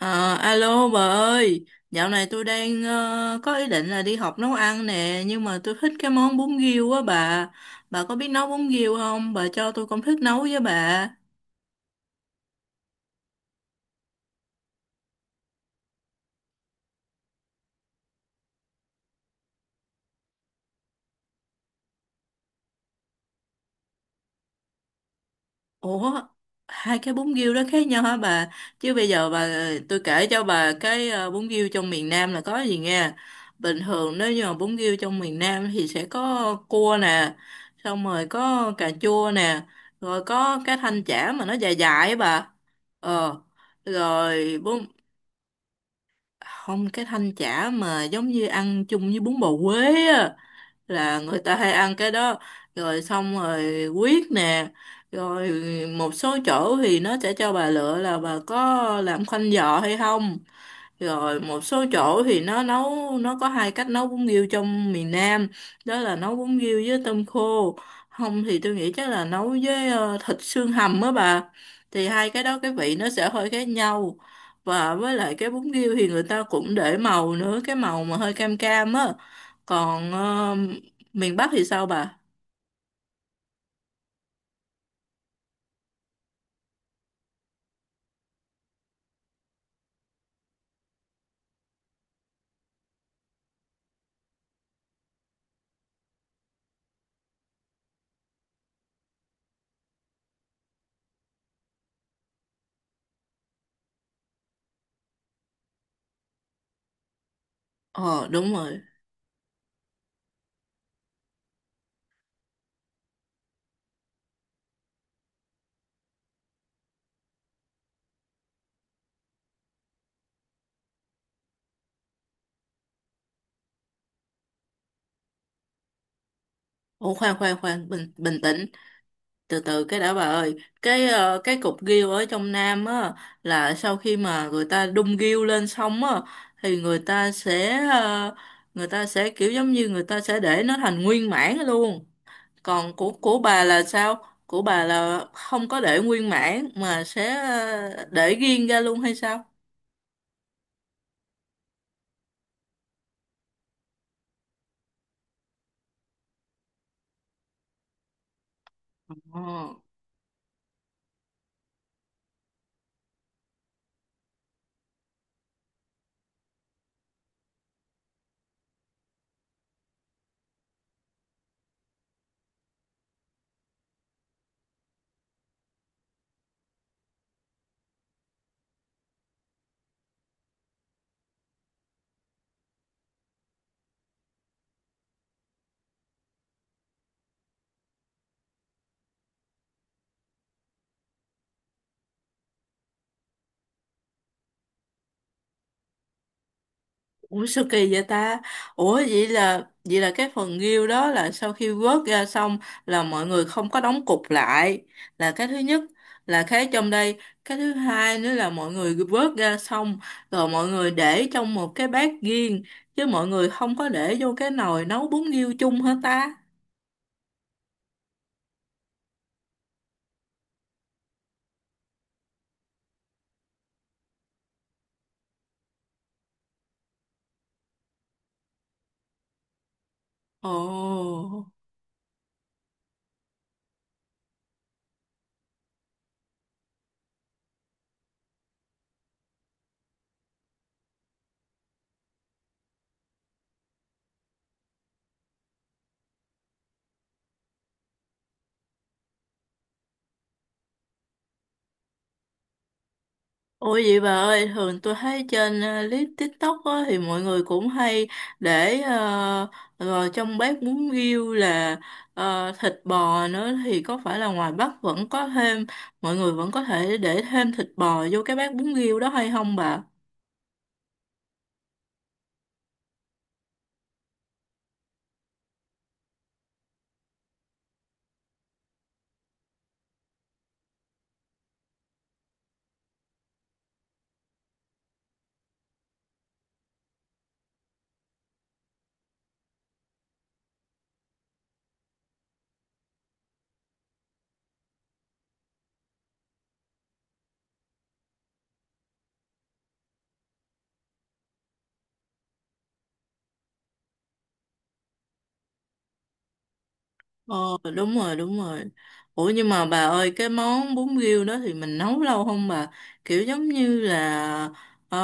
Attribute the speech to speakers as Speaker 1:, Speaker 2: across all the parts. Speaker 1: Ờ, alo bà ơi, dạo này tôi đang có ý định là đi học nấu ăn nè, nhưng mà tôi thích cái món bún riêu á bà. Bà có biết nấu bún riêu không? Bà cho tôi công thức nấu với bà. Ủa, hai cái bún riêu đó khác nhau hả bà? Chứ bây giờ bà tôi kể cho bà cái bún riêu trong miền Nam là có gì nghe? Bình thường nếu như mà bún riêu trong miền Nam thì sẽ có cua nè, xong rồi có cà chua nè, rồi có cái thanh chả mà nó dài dài ấy bà. Ờ, rồi bún không cái thanh chả mà giống như ăn chung với bún bò Huế á là người ta hay ăn cái đó rồi xong rồi quyết nè rồi một số chỗ thì nó sẽ cho bà lựa là bà có làm khoanh giò hay không rồi một số chỗ thì nó nấu nó có hai cách nấu bún riêu trong miền Nam đó là nấu bún riêu với tôm khô không thì tôi nghĩ chắc là nấu với thịt xương hầm á bà thì hai cái đó cái vị nó sẽ hơi khác nhau và với lại cái bún riêu thì người ta cũng để màu nữa cái màu mà hơi cam cam á còn miền Bắc thì sao bà. Ờ đúng rồi. Ủa khoan khoan khoan bình bình tĩnh từ từ cái đã bà ơi cái cái cục ghiêu ở trong Nam á là sau khi mà người ta đung ghiêu lên xong á thì người ta sẽ người ta sẽ kiểu giống như người ta sẽ để nó thành nguyên mãn luôn còn của bà là sao của bà là không có để nguyên mãn mà sẽ để riêng ra luôn hay sao. Ờ. Ủa sao kỳ vậy ta? Ủa vậy là cái phần nghêu đó là sau khi vớt ra xong là mọi người không có đóng cục lại là cái thứ nhất là cái trong đây cái thứ hai nữa là mọi người vớt ra xong rồi mọi người để trong một cái bát riêng chứ mọi người không có để vô cái nồi nấu bún nghêu chung hả ta? Ồ. Ủa vậy bà ơi, thường tôi thấy trên clip TikTok á, thì mọi người cũng hay để rồi trong bếp bún riêu là thịt bò nữa thì có phải là ngoài Bắc vẫn có thêm, mọi người vẫn có thể để thêm thịt bò vô cái bát bún riêu đó hay không bà? Ờ đúng rồi đúng rồi. Ủa nhưng mà bà ơi cái món bún riêu đó thì mình nấu lâu không bà? Kiểu giống như là ờ,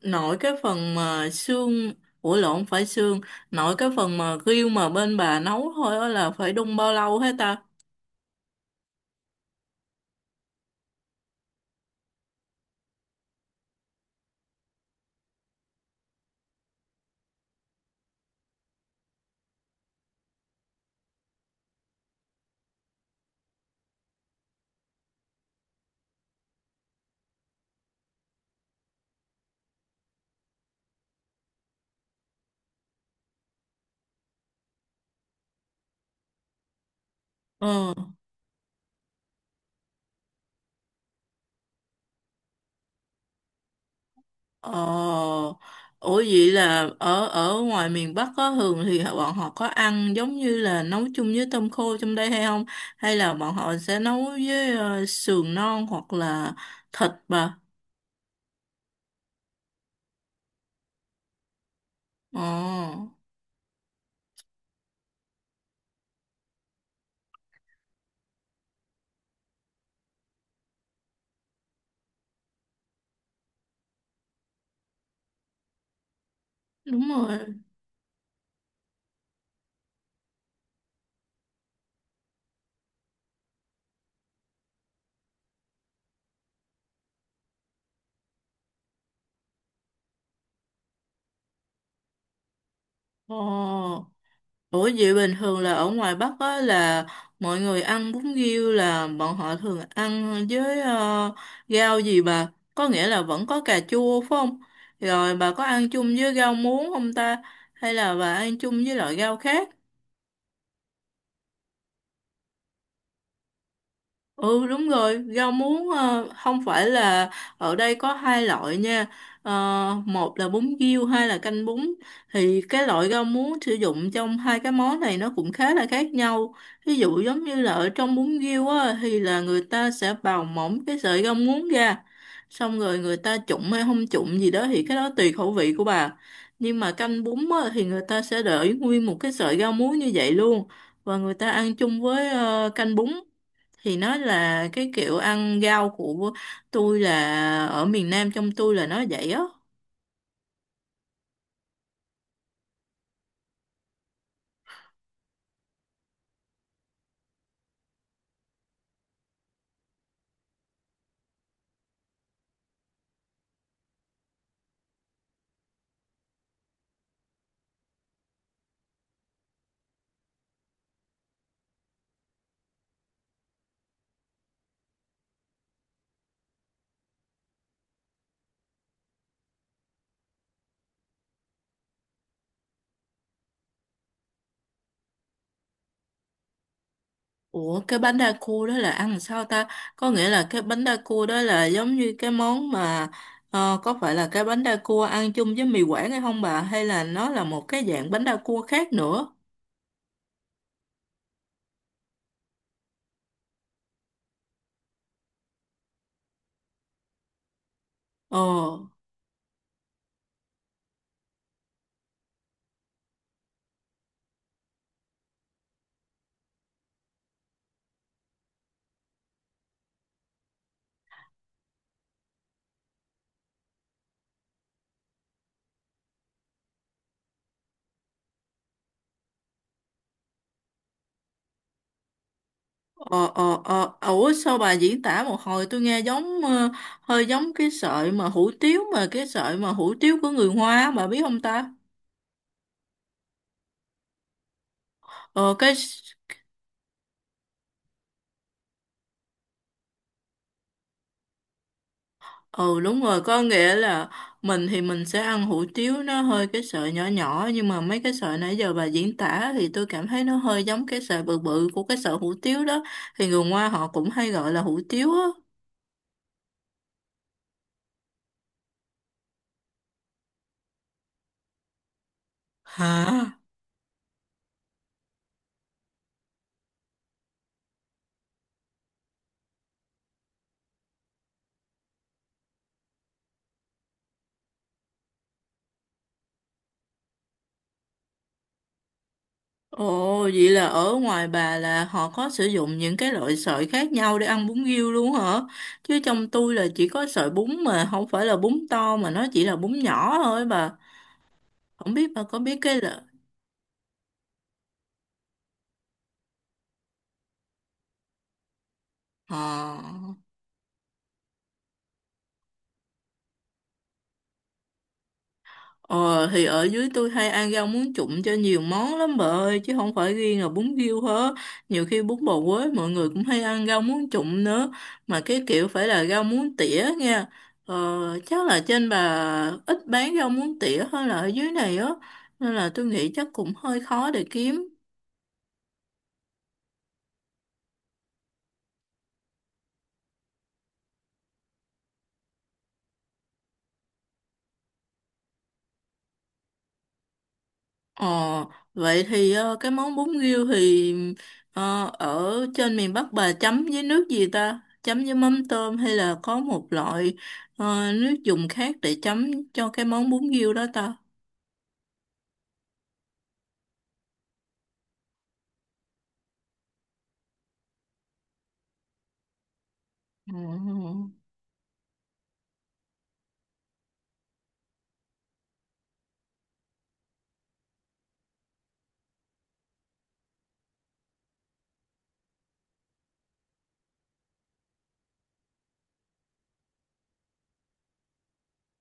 Speaker 1: nội cái phần mà xương. Ủa lộn không phải xương. Nội cái phần mà riêu mà bên bà nấu thôi á là phải đun bao lâu hết ta? Ờ. Ờ. Ủa vậy là ở ở ngoài miền Bắc có thường thì bọn họ có ăn giống như là nấu chung với tôm khô trong đây hay không? Hay là bọn họ sẽ nấu với sườn non hoặc là thịt bà. Ồ, đúng rồi. Ồ, ủa vậy bình thường là ở ngoài Bắc á là mọi người ăn bún riêu là bọn họ thường ăn với rau gì bà? Có nghĩa là vẫn có cà chua phải không? Rồi bà có ăn chung với rau muống không ta? Hay là bà ăn chung với loại rau khác? Ừ đúng rồi, rau muống không phải là ở đây có hai loại nha. Ờ, một là bún riêu, hai là canh bún. Thì cái loại rau muống sử dụng trong hai cái món này nó cũng khá là khác nhau. Ví dụ giống như là ở trong bún riêu á, thì là người ta sẽ bào mỏng cái sợi rau muống ra. Xong rồi người ta trụng hay không trụng gì đó thì cái đó tùy khẩu vị của bà. Nhưng mà canh bún á, thì người ta sẽ để nguyên một cái sợi rau muống như vậy luôn. Và người ta ăn chung với canh bún thì nó là cái kiểu ăn rau của tôi là ở miền Nam trong tôi là nó vậy á. Ủa cái bánh đa cua đó là ăn làm sao ta? Có nghĩa là cái bánh đa cua đó là giống như cái món mà có phải là cái bánh đa cua ăn chung với mì Quảng hay không bà hay là nó là một cái dạng bánh đa cua khác nữa? ờ ờ ủa sao bà diễn tả một hồi tôi nghe giống hơi giống cái sợi mà hủ tiếu mà cái sợi mà hủ tiếu của người Hoa á, bà biết không ta? Ờ cái. Ừ đúng rồi, có nghĩa là mình thì mình sẽ ăn hủ tiếu nó hơi cái sợi nhỏ nhỏ nhưng mà mấy cái sợi nãy giờ bà diễn tả thì tôi cảm thấy nó hơi giống cái sợi bự bự của cái sợi hủ tiếu đó. Thì người Hoa họ cũng hay gọi là hủ tiếu á. Hả? Ồ, vậy là ở ngoài bà là họ có sử dụng những cái loại sợi khác nhau để ăn bún riêu luôn hả? Chứ trong tôi là chỉ có sợi bún mà không phải là bún to mà nó chỉ là bún nhỏ thôi bà. Không biết bà có biết cái là... Ờ. Ờ thì ở dưới tôi hay ăn rau muống trụng cho nhiều món lắm bà ơi chứ không phải riêng là bún riêu hết nhiều khi bún bò Huế mọi người cũng hay ăn rau muống trụng nữa mà cái kiểu phải là rau muống tỉa nha. ờ, Chắc là trên bà ít bán rau muống tỉa hơn là ở dưới này á nên là tôi nghĩ chắc cũng hơi khó để kiếm. Ờ, vậy thì cái món bún riêu thì ở trên miền Bắc bà chấm với nước gì ta? Chấm với mắm tôm hay là có một loại nước dùng khác để chấm cho cái món bún riêu đó ta? Ừ.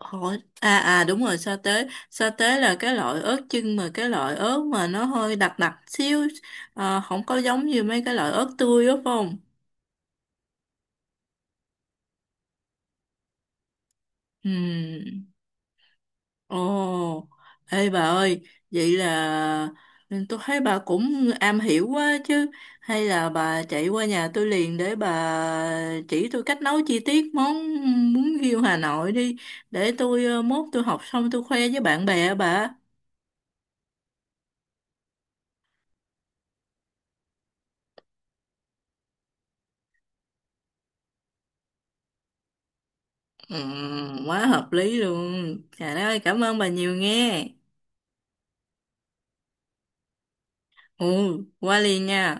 Speaker 1: Hỏi à à đúng rồi sa tế là cái loại ớt chưng mà cái loại ớt mà nó hơi đặc đặc xíu không có giống như mấy cái loại ớt tươi đó phải không? Ừ. Ồ, ê bà ơi, vậy là tôi thấy bà cũng am hiểu quá chứ. Hay là bà chạy qua nhà tôi liền để bà chỉ tôi cách nấu chi tiết món bún riêu Hà Nội đi. Để tôi mốt tôi học xong tôi khoe với bạn bè á bà. Ừ, quá hợp lý luôn. Trời đất ơi, cảm ơn bà nhiều nghe. Ừ, qua liền nha.